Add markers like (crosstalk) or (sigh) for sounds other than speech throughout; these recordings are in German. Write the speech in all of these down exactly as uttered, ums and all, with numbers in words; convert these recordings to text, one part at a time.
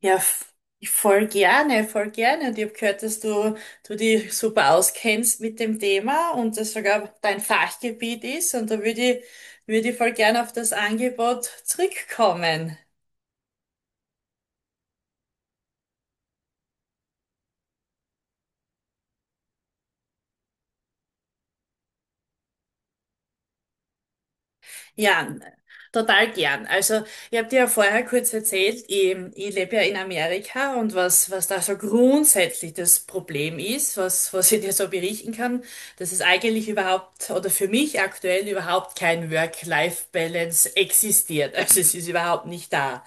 Ja, f- voll gerne, voll gerne. Und ich habe gehört, dass du, du dich super auskennst mit dem Thema und das sogar dein Fachgebiet ist. Und da würde ich, würde ich voll gerne auf das Angebot zurückkommen. Ja, total gern. Also, ich habe dir ja vorher kurz erzählt, ich, ich lebe ja in Amerika und was, was da so grundsätzlich das Problem ist, was, was ich dir so berichten kann, dass es eigentlich überhaupt oder für mich aktuell überhaupt kein Work-Life-Balance existiert. Also, es ist überhaupt nicht da.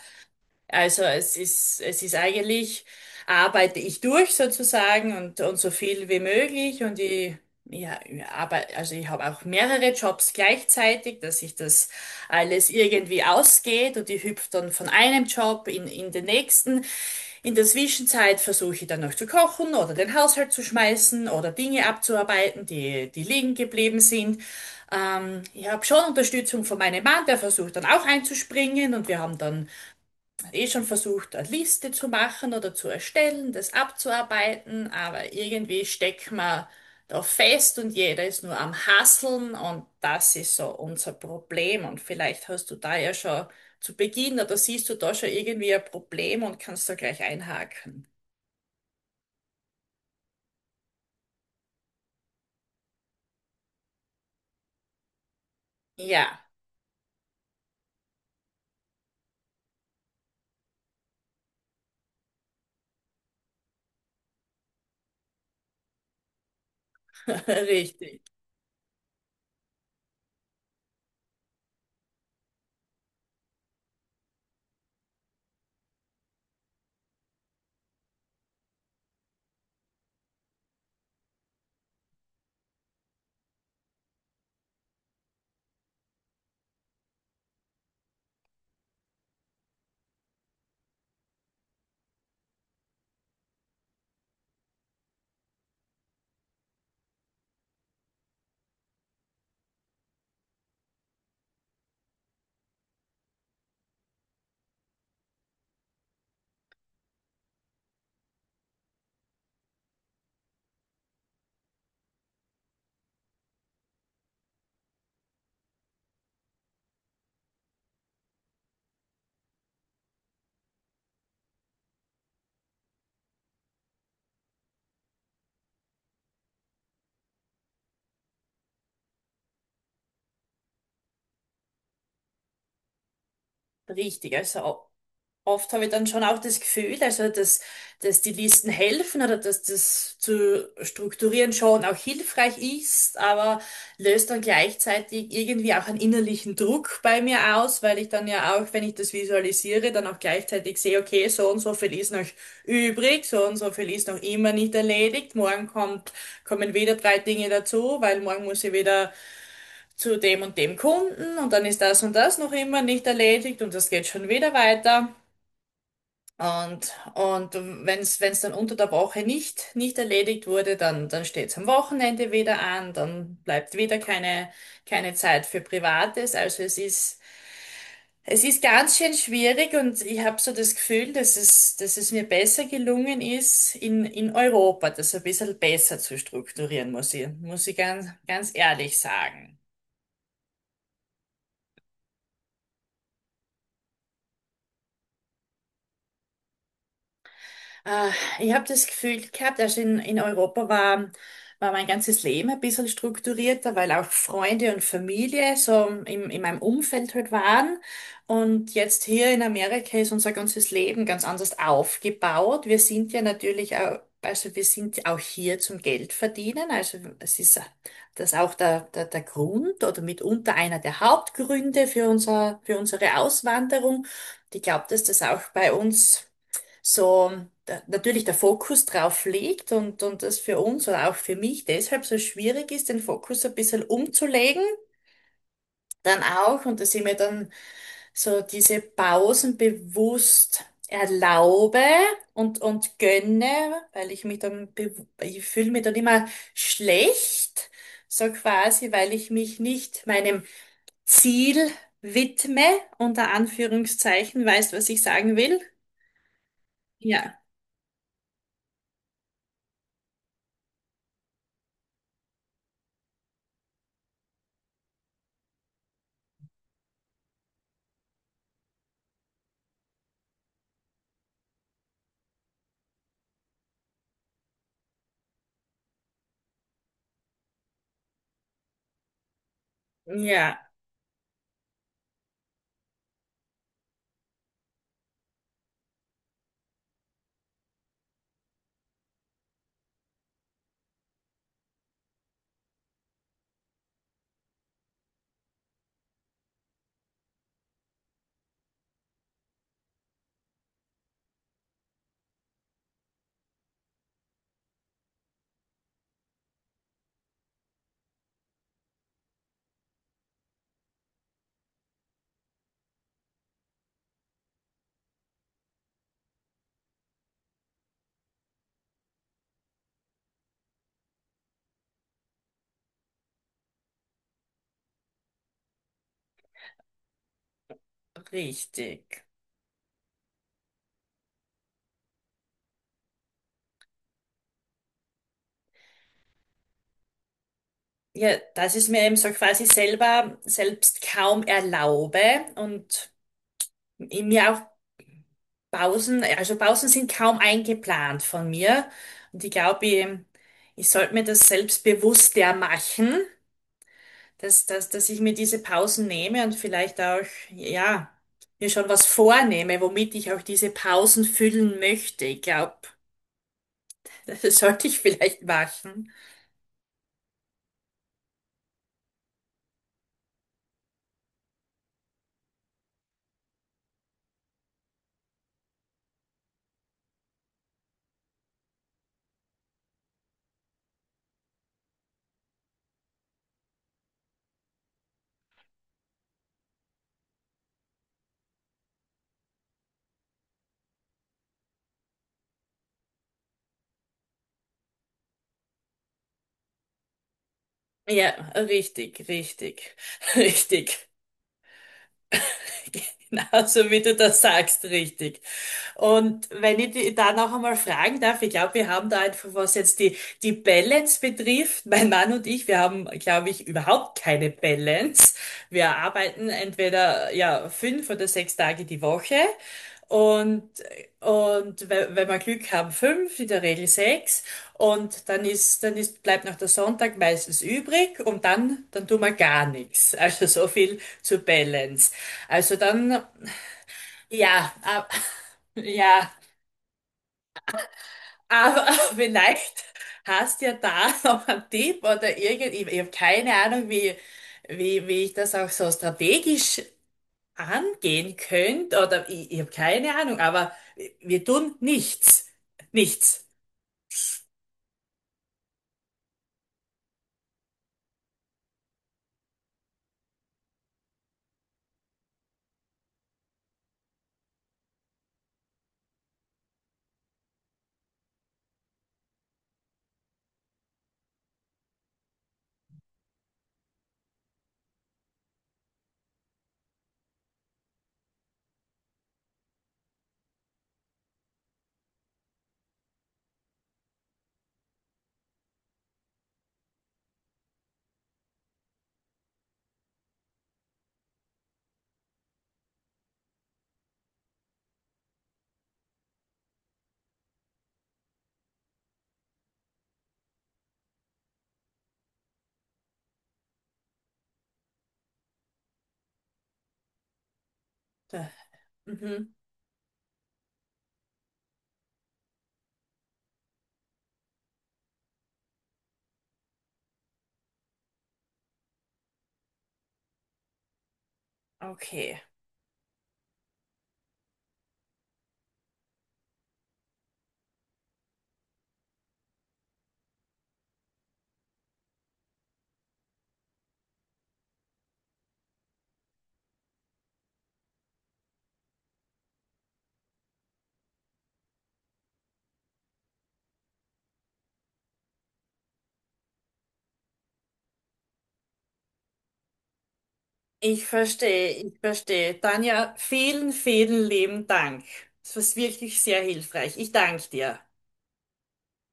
Also es ist, es ist eigentlich, arbeite ich durch sozusagen und, und so viel wie möglich und ich, ja, aber, also ich habe auch mehrere Jobs gleichzeitig, dass sich das alles irgendwie ausgeht und ich hüpfe dann von einem Job in, in den nächsten. In der Zwischenzeit versuche ich dann noch zu kochen oder den Haushalt zu schmeißen oder Dinge abzuarbeiten, die, die liegen geblieben sind. Ähm, ich habe schon Unterstützung von meinem Mann, der versucht dann auch einzuspringen und wir haben dann eh schon versucht, eine Liste zu machen oder zu erstellen, das abzuarbeiten, aber irgendwie steckt man da fest und jeder ist nur am Hasseln und das ist so unser Problem. Und vielleicht hast du da ja schon zu Beginn oder siehst du da schon irgendwie ein Problem und kannst da gleich einhaken. Ja, (laughs) richtig. Richtig. Also oft habe ich dann schon auch das Gefühl, also dass, dass die Listen helfen oder dass das zu strukturieren schon auch hilfreich ist, aber löst dann gleichzeitig irgendwie auch einen innerlichen Druck bei mir aus, weil ich dann ja auch, wenn ich das visualisiere, dann auch gleichzeitig sehe, okay, so und so viel ist noch übrig, so und so viel ist noch immer nicht erledigt, morgen kommt, kommen wieder drei Dinge dazu, weil morgen muss ich wieder zu dem und dem Kunden und dann ist das und das noch immer nicht erledigt und das geht schon wieder weiter. Und, und wenn es wenn es dann unter der Woche nicht, nicht erledigt wurde, dann, dann steht es am Wochenende wieder an, dann bleibt wieder keine, keine Zeit für Privates. Also es ist, es ist ganz schön schwierig und ich habe so das Gefühl, dass es, dass es mir besser gelungen ist, in, in Europa das ein bisschen besser zu strukturieren, muss ich, muss ich ganz, ganz ehrlich sagen. Äh, Ich habe das Gefühl gehabt, also in, in Europa war, war mein ganzes Leben ein bisschen strukturierter, weil auch Freunde und Familie so im, in meinem Umfeld halt waren. Und jetzt hier in Amerika ist unser ganzes Leben ganz anders aufgebaut. Wir sind ja natürlich auch, also wir sind ja auch hier zum Geld verdienen. Also es ist das auch der, der, der Grund oder mitunter einer der Hauptgründe für unser, für unsere Auswanderung. Und ich glaube, dass das auch bei uns so da, natürlich der Fokus drauf liegt und, und das für uns oder auch für mich deshalb so schwierig ist, den Fokus ein bisschen umzulegen, dann auch, und dass ich mir dann so diese Pausen bewusst erlaube und, und gönne, weil ich mich dann, bew- ich fühle mich dann immer schlecht, so quasi, weil ich mich nicht meinem Ziel widme, unter Anführungszeichen, weißt, was ich sagen will? Ja. Ja, richtig. Ja, dass ich es mir eben so quasi selber selbst kaum erlaube und in mir auch Pausen, also Pausen sind kaum eingeplant von mir. Und ich glaube, ich, ich sollte mir das selbst bewusster machen, dass, dass, dass ich mir diese Pausen nehme und vielleicht auch, ja, mir schon was vornehme, womit ich auch diese Pausen füllen möchte. Ich glaube, das sollte ich (laughs) vielleicht machen. Ja, richtig, richtig, (laughs) richtig. (laughs) Genauso wie du das sagst, richtig. Und wenn ich die da noch einmal fragen darf, ich glaube, wir haben da einfach, was jetzt die, die Balance betrifft, mein Mann und ich, wir haben, glaube ich, überhaupt keine Balance. Wir arbeiten entweder, ja, fünf oder sechs Tage die Woche und, und we- wenn wir Glück haben, fünf, in der Regel sechs und dann ist, dann ist, bleibt noch der Sonntag meistens übrig und dann, dann tun wir gar nichts. Also so viel zur Balance. Also dann, ja, ab- (laughs) ja. Aber (laughs) vielleicht hast ja da (laughs) noch einen Tipp oder irgend, ich, ich habe keine Ahnung, wie, wie, wie ich das auch so strategisch angehen könnte oder ich, ich habe keine Ahnung, aber wir tun nichts. Nichts. Da- Mhm. Okay. Ich verstehe, ich verstehe. Tanja, vielen, vielen lieben Dank. Das war wirklich sehr hilfreich. Ich danke dir.